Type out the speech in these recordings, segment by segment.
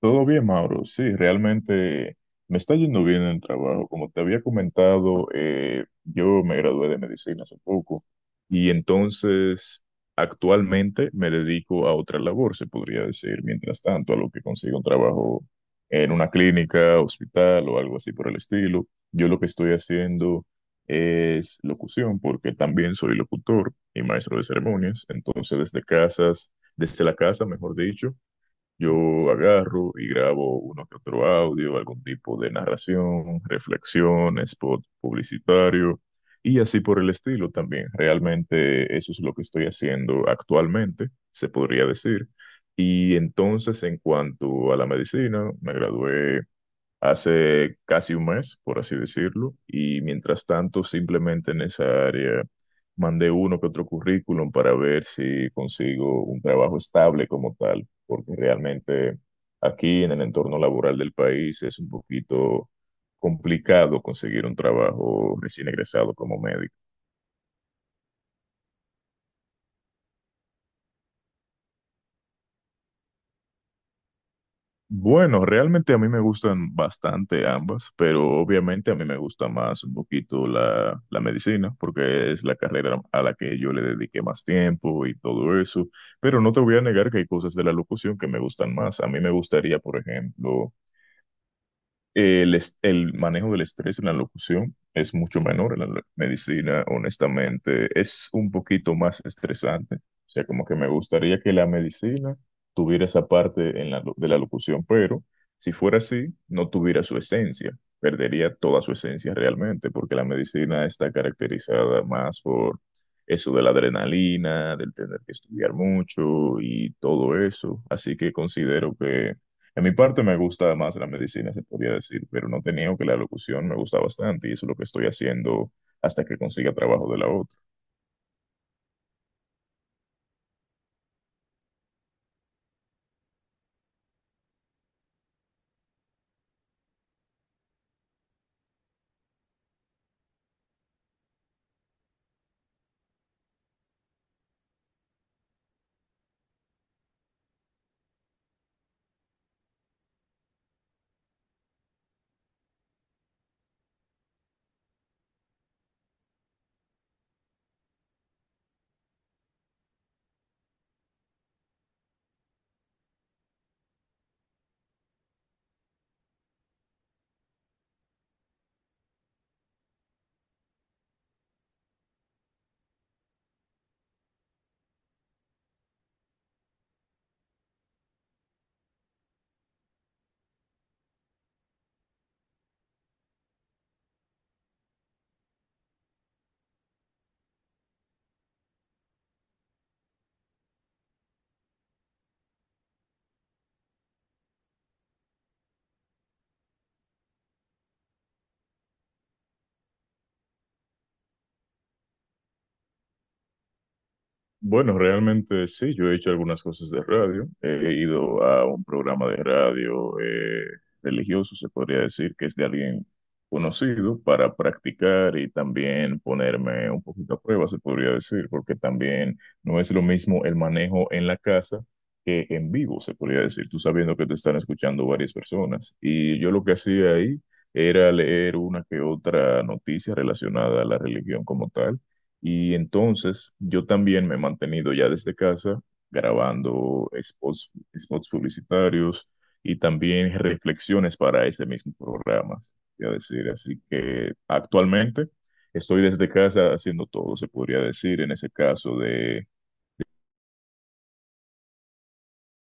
Todo bien, Mauro. Sí, realmente me está yendo bien en el trabajo. Como te había comentado, yo me gradué de medicina hace poco y entonces actualmente me dedico a otra labor, se podría decir, mientras tanto, a lo que consigo un trabajo en una clínica, hospital o algo así por el estilo. Yo lo que estoy haciendo es locución porque también soy locutor y maestro de ceremonias. Entonces, desde casas, desde la casa, mejor dicho. Yo agarro y grabo uno que otro audio, algún tipo de narración, reflexión, spot publicitario y así por el estilo también. Realmente eso es lo que estoy haciendo actualmente, se podría decir. Y entonces, en cuanto a la medicina, me gradué hace casi un mes, por así decirlo, y mientras tanto simplemente en esa área mandé uno que otro currículum para ver si consigo un trabajo estable como tal, porque realmente aquí en el entorno laboral del país es un poquito complicado conseguir un trabajo recién egresado como médico. Bueno, realmente a mí me gustan bastante ambas, pero obviamente a mí me gusta más un poquito la medicina, porque es la carrera a la que yo le dediqué más tiempo y todo eso, pero no te voy a negar que hay cosas de la locución que me gustan más. A mí me gustaría, por ejemplo, el manejo del estrés en la locución es mucho menor en la medicina, honestamente, es un poquito más estresante. O sea, como que me gustaría que la medicina tuviera esa parte en de la locución, pero si fuera así, no tuviera su esencia, perdería toda su esencia realmente, porque la medicina está caracterizada más por eso de la adrenalina, del tener que estudiar mucho y todo eso. Así que considero que en mi parte me gusta más la medicina, se podría decir, pero no te niego que la locución me gusta bastante y eso es lo que estoy haciendo hasta que consiga trabajo de la otra. Bueno, realmente sí, yo he hecho algunas cosas de radio. He ido a un programa de radio religioso, se podría decir, que es de alguien conocido para practicar y también ponerme un poquito a prueba, se podría decir, porque también no es lo mismo el manejo en la casa que en vivo, se podría decir, tú sabiendo que te están escuchando varias personas. Y yo lo que hacía ahí era leer una que otra noticia relacionada a la religión como tal y entonces yo también me he mantenido ya desde casa grabando spots, spots publicitarios y también reflexiones para ese mismo programa, voy a decir. Así que actualmente estoy desde casa haciendo todo, se podría decir, en ese caso de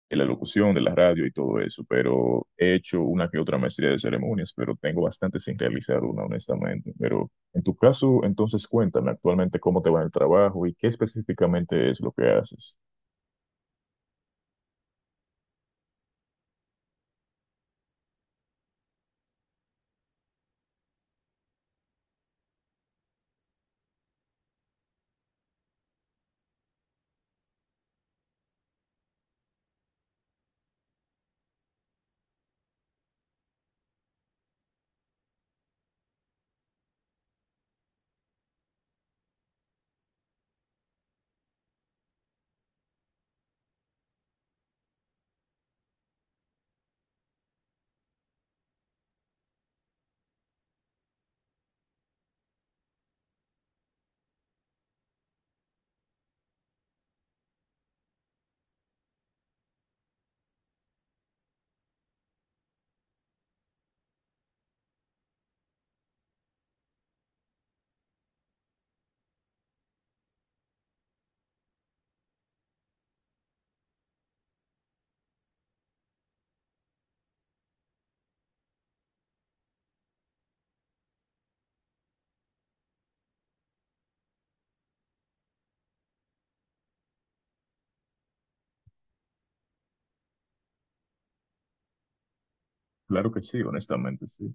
de la locución, de la radio y todo eso, pero he hecho una que otra maestría de ceremonias, pero tengo bastante sin realizar una, honestamente. Pero en tu caso, entonces cuéntame actualmente cómo te va en el trabajo y qué específicamente es lo que haces. Claro que sí, honestamente sí.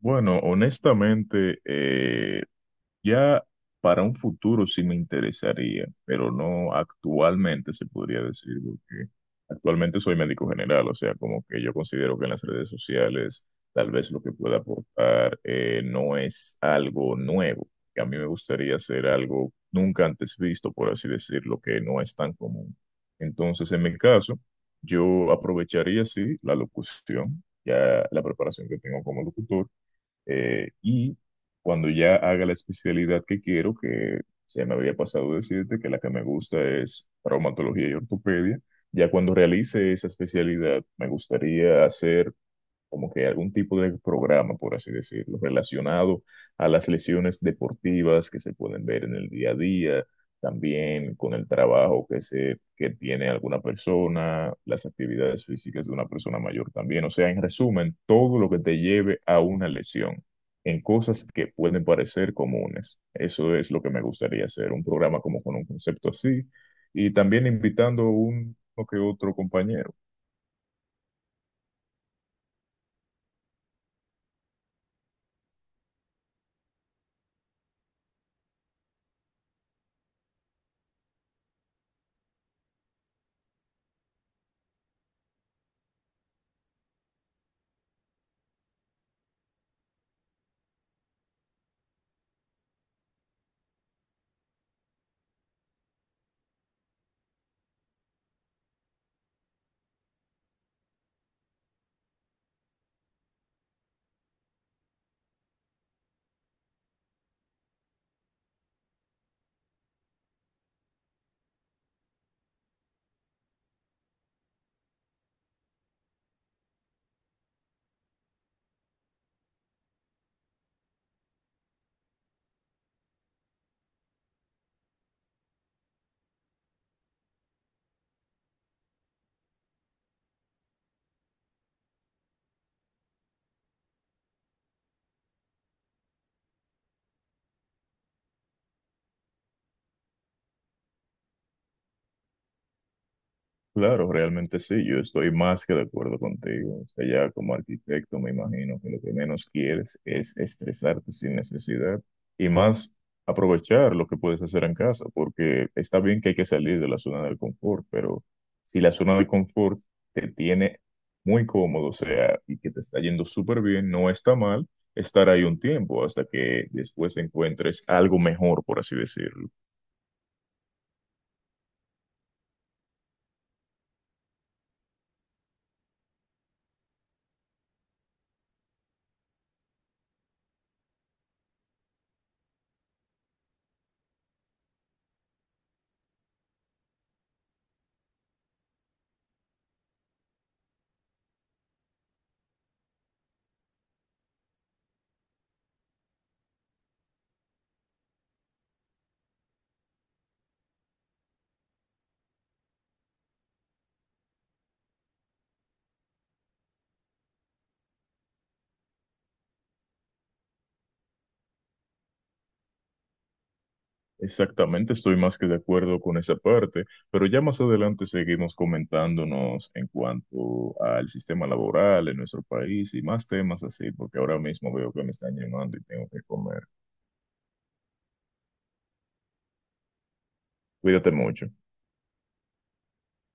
Bueno, honestamente, ya para un futuro sí me interesaría, pero no actualmente se podría decir, porque actualmente soy médico general, o sea, como que yo considero que en las redes sociales tal vez lo que pueda aportar no es algo nuevo, que a mí me gustaría hacer algo nunca antes visto, por así decirlo, que no es tan común. Entonces, en mi caso, yo aprovecharía, sí, la locución, ya la preparación que tengo como locutor y cuando ya haga la especialidad que quiero, que se me había pasado decirte que la que me gusta es traumatología y ortopedia, ya cuando realice esa especialidad me gustaría hacer como que algún tipo de programa, por así decirlo, relacionado a las lesiones deportivas que se pueden ver en el día a día, también con el trabajo que se que tiene alguna persona, las actividades físicas de una persona mayor también, o sea, en resumen, todo lo que te lleve a una lesión en cosas que pueden parecer comunes. Eso es lo que me gustaría hacer, un programa como con un concepto así y también invitando un o que otro compañero. Claro, realmente sí, yo estoy más que de acuerdo contigo. O sea, ya como arquitecto me imagino que lo que menos quieres es estresarte sin necesidad y más aprovechar lo que puedes hacer en casa, porque está bien que hay que salir de la zona del confort, pero si la zona de confort te tiene muy cómodo, o sea, y que te está yendo súper bien, no está mal estar ahí un tiempo hasta que después encuentres algo mejor, por así decirlo. Exactamente, estoy más que de acuerdo con esa parte, pero ya más adelante seguimos comentándonos en cuanto al sistema laboral en nuestro país y más temas así, porque ahora mismo veo que me están llamando y tengo que comer. Cuídate mucho.